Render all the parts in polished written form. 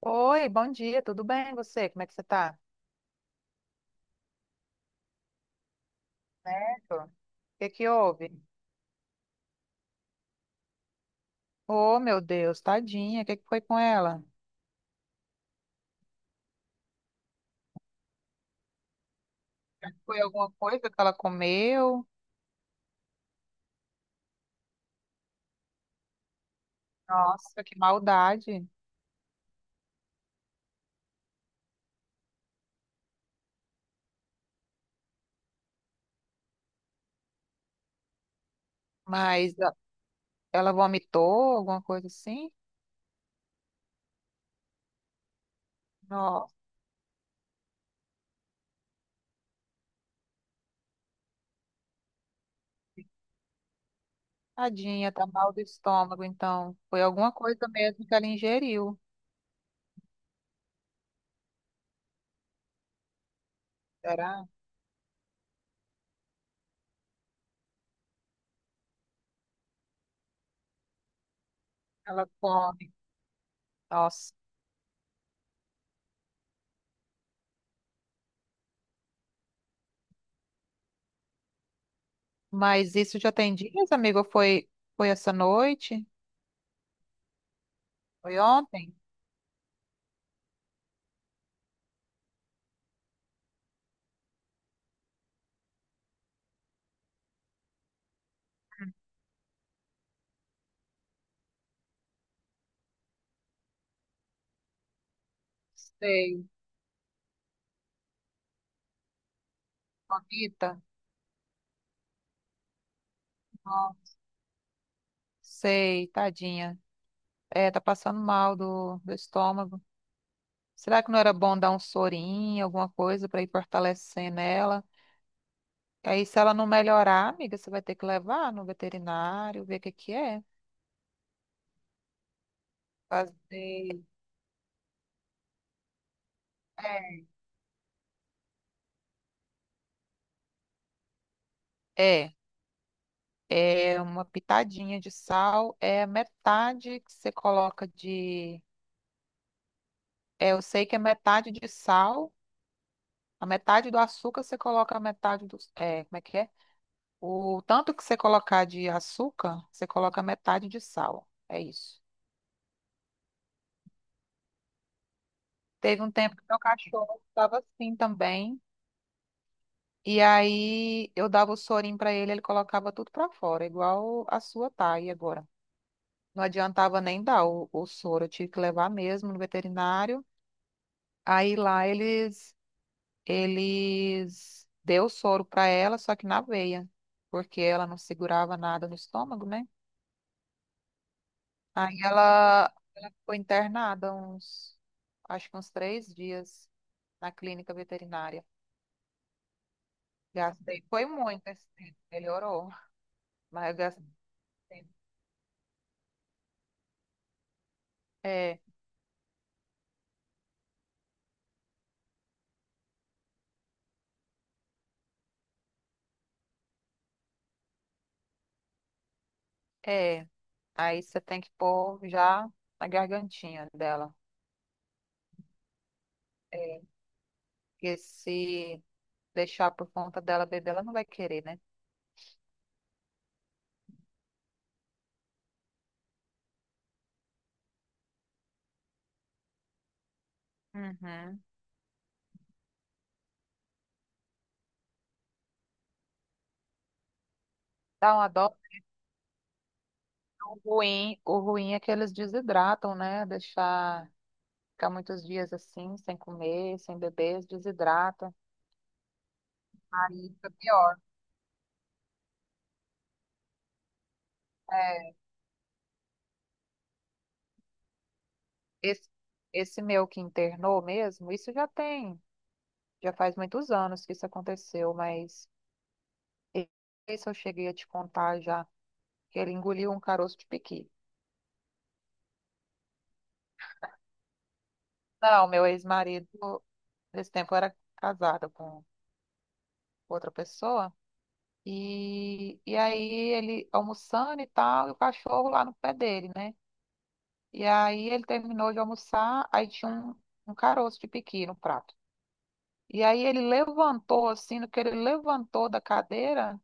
Oi, bom dia, tudo bem você? Como é que você tá? Certo. O que que houve? Oh, meu Deus, tadinha, o que que foi com ela? Foi alguma coisa que ela comeu? Nossa, que maldade. Mas ela vomitou, alguma coisa assim? Nossa, tadinha, tá mal do estômago, então. Foi alguma coisa mesmo que ela ingeriu. Será? Ela come. Nossa. Mas isso já tem dias, amigo? Foi essa noite? Foi ontem? Sei. Bonita. Sei, tadinha. É, tá passando mal do estômago. Será que não era bom dar um sorinho, alguma coisa pra ir fortalecendo ela? Aí, se ela não melhorar, amiga, você vai ter que levar no veterinário, ver o que que é. Fazer. É, é é uma pitadinha de sal, é metade que você coloca de. É, eu sei que é metade de sal, a metade do açúcar você coloca a metade do. É, como é que é? O tanto que você colocar de açúcar, você coloca metade de sal. É isso. Teve um tempo que meu cachorro estava assim também. E aí eu dava o sorinho para ele, ele colocava tudo para fora, igual a sua tá aí agora. Não adiantava nem dar o soro, eu tive que levar mesmo no veterinário. Aí lá eles deu o soro para ela, só que na veia, porque ela não segurava nada no estômago, né? Aí ela ficou internada uns, acho que uns 3 dias na clínica veterinária. Gastei, foi muito esse tempo, melhorou, mas eu gastei. Tempo. É, é, aí você tem que pôr já na gargantinha dela. É, porque se deixar por conta dela beber, ela não vai querer, né? Uhum. Dá uma dó. O ruim é que eles desidratam, né? Deixar ficar muitos dias assim, sem comer, sem beber, eles desidratam. Aí fica pior. É, esse, esse meu que internou mesmo, isso já tem, já faz muitos anos que isso aconteceu, mas e- esse eu cheguei a te contar já, que ele engoliu um caroço de piqui. Não, meu ex-marido, nesse tempo eu era casada com outra pessoa, e, aí ele almoçando e tal, e o cachorro lá no pé dele, né? E aí ele terminou de almoçar, aí tinha um caroço de piqui no prato. E aí ele levantou, assim, no que ele levantou da cadeira,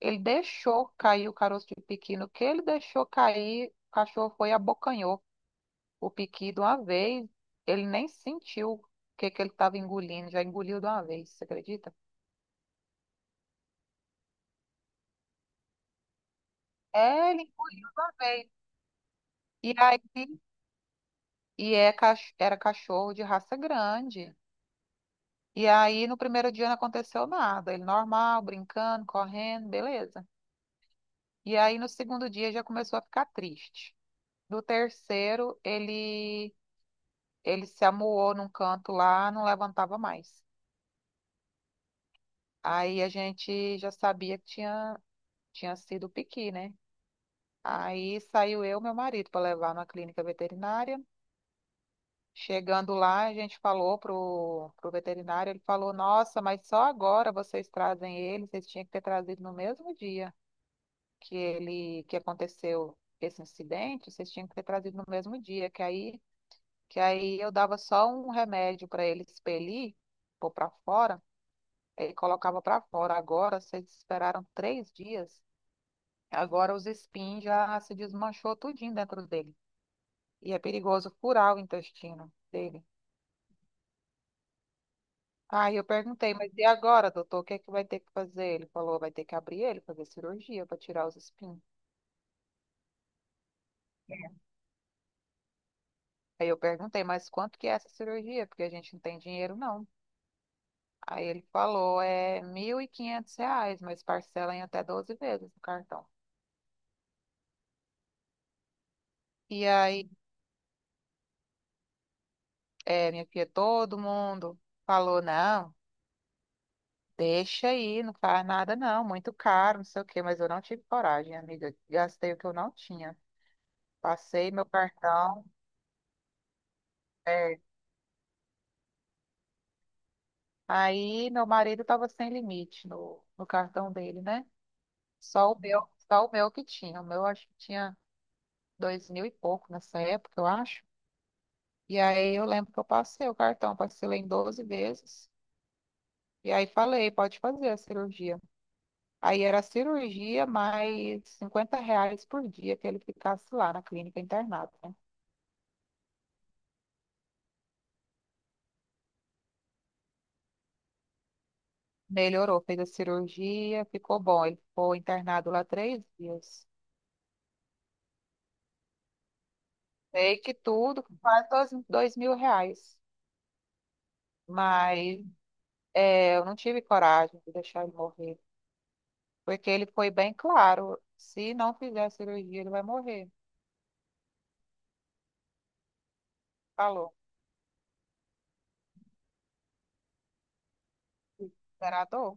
ele deixou cair o caroço de piqui. No que ele deixou cair, o cachorro foi e abocanhou o piqui de uma vez. Ele nem sentiu o que ele estava engolindo, já engoliu de uma vez, você acredita? É, ele engoliu de uma vez. E aí, e é, era cachorro de raça grande. E aí, no primeiro dia não aconteceu nada. Ele normal, brincando, correndo, beleza. E aí, no segundo dia, já começou a ficar triste. No terceiro, ele se amuou num canto lá, não levantava mais. Aí a gente já sabia que tinha sido piqui, né? Aí saiu eu e meu marido para levar na clínica veterinária. Chegando lá, a gente falou pro veterinário, ele falou, nossa, mas só agora vocês trazem ele, vocês tinham que ter trazido no mesmo dia que ele que aconteceu esse incidente, vocês tinham que ter trazido no mesmo dia, que aí eu dava só um remédio para ele expelir, pôr para fora e colocava para fora. Agora, vocês esperaram 3 dias, agora os espinhos já se desmanchou tudinho dentro dele. E é perigoso furar o intestino dele. Aí eu perguntei, mas e agora, doutor, o que é que vai ter que fazer? Ele falou, vai ter que abrir ele, fazer cirurgia para tirar os espinhos. Aí eu perguntei, mas quanto que é essa cirurgia? Porque a gente não tem dinheiro, não. Aí ele falou, é R$ 1.500, mas parcela em até 12 vezes no cartão. E aí, é, minha filha, todo mundo falou, não. Deixa aí, não faz nada não, muito caro, não sei o quê, mas eu não tive coragem, amiga. Gastei o que eu não tinha. Passei meu cartão. É. Aí meu marido estava sem limite no cartão dele, né? Só o meu que tinha. O meu acho que tinha 2 mil e pouco nessa época, eu acho. E aí eu lembro que eu passei o cartão, parcelei em 12 vezes. E aí falei, pode fazer a cirurgia. Aí era a cirurgia mais R$ 50 por dia que ele ficasse lá na clínica internado. Melhorou, fez a cirurgia, ficou bom. Ele ficou internado lá 3 dias. Sei que tudo, quase dois mil reais. Mas é, eu não tive coragem de deixar ele morrer. Porque ele foi bem claro, se não fizer a cirurgia, ele vai morrer. Falou. Era dor.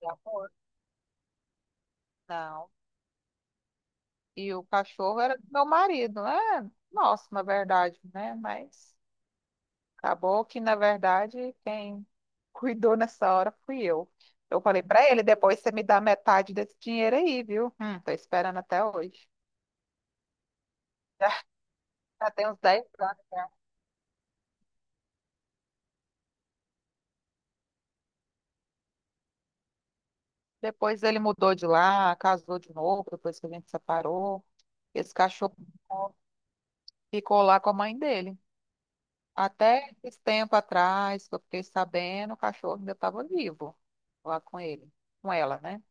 De amor. Não. E o cachorro era do meu marido, né? Nossa, na verdade, né? Mas acabou que, na verdade, quem cuidou nessa hora fui eu. Eu falei pra ele, depois você me dá metade desse dinheiro aí, viu? Tô esperando até hoje. Já tem uns 10 anos. Depois ele mudou de lá, casou de novo, depois que a gente separou. Esse cachorro ficou lá com a mãe dele. Até esse tempo atrás, que eu fiquei sabendo, o cachorro ainda estava vivo lá com ele, com ela, né?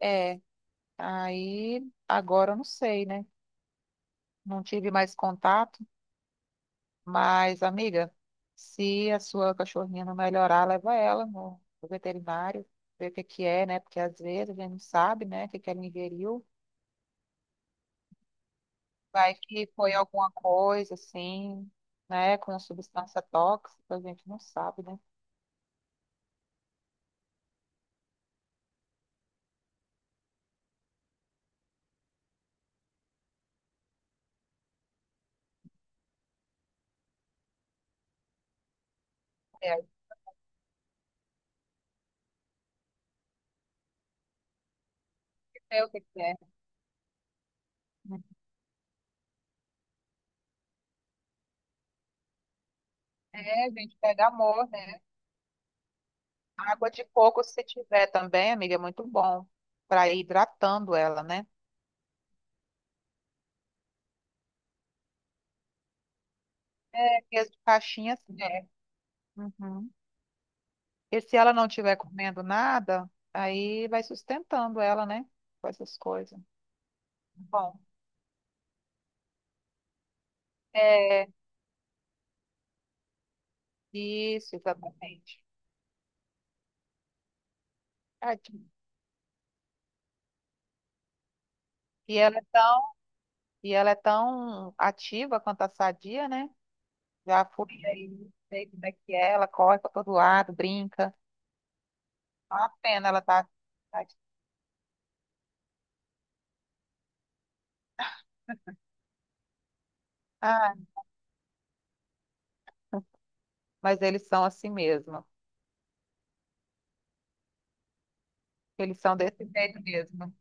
É, aí agora eu não sei, né? Não tive mais contato. Mas, amiga, se a sua cachorrinha não melhorar, leva ela no veterinário, ver o que que é, né? Porque às vezes a gente não sabe, né, o que que ela ingeriu. Vai que foi alguma coisa, assim, né, com a substância tóxica, a gente não sabe, né? É, aí você vê o que que é. É, a gente pega amor, né? Água de coco, se tiver também, amiga, é muito bom para ir hidratando ela, né? É, porque as de caixinha, assim, é. Uhum. E se ela não estiver comendo nada, aí vai sustentando ela, né? Com essas coisas. Bom, é isso, exatamente. Tadinha. E ela é tão, e ela é tão ativa quanto a sadia, né? Já fui aí, sei como é que é, ela corre para todo lado, brinca. É uma pena ela tá. Ah, mas eles são assim mesmo. Eles são desse jeito mesmo.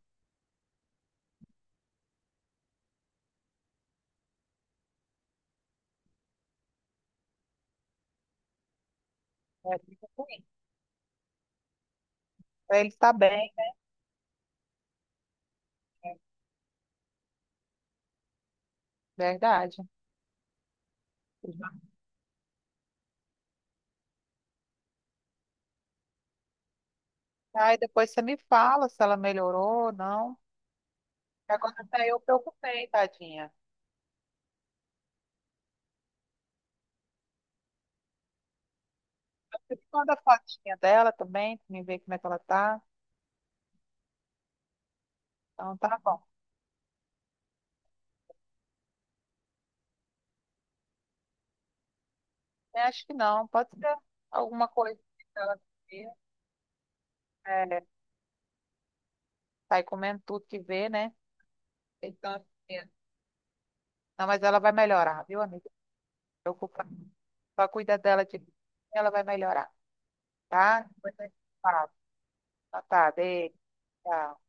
É, fica ruim. Pra eles tá bem, é verdade. Aí depois você me fala se ela melhorou ou não. Agora até eu preocupei, tadinha. Eu manda a fotinha dela também, pra mim ver como é que ela tá. Então tá bom. Eu acho que não. Pode ser alguma coisa que ela vê. É, sai comendo tudo que vê, né? Então, assim, não, mas ela vai melhorar, viu, amiga? Não se preocupa. Não. Só cuida dela de ela vai melhorar, tá? Depois a gente fala. Tá, tá, beijo. Tchau.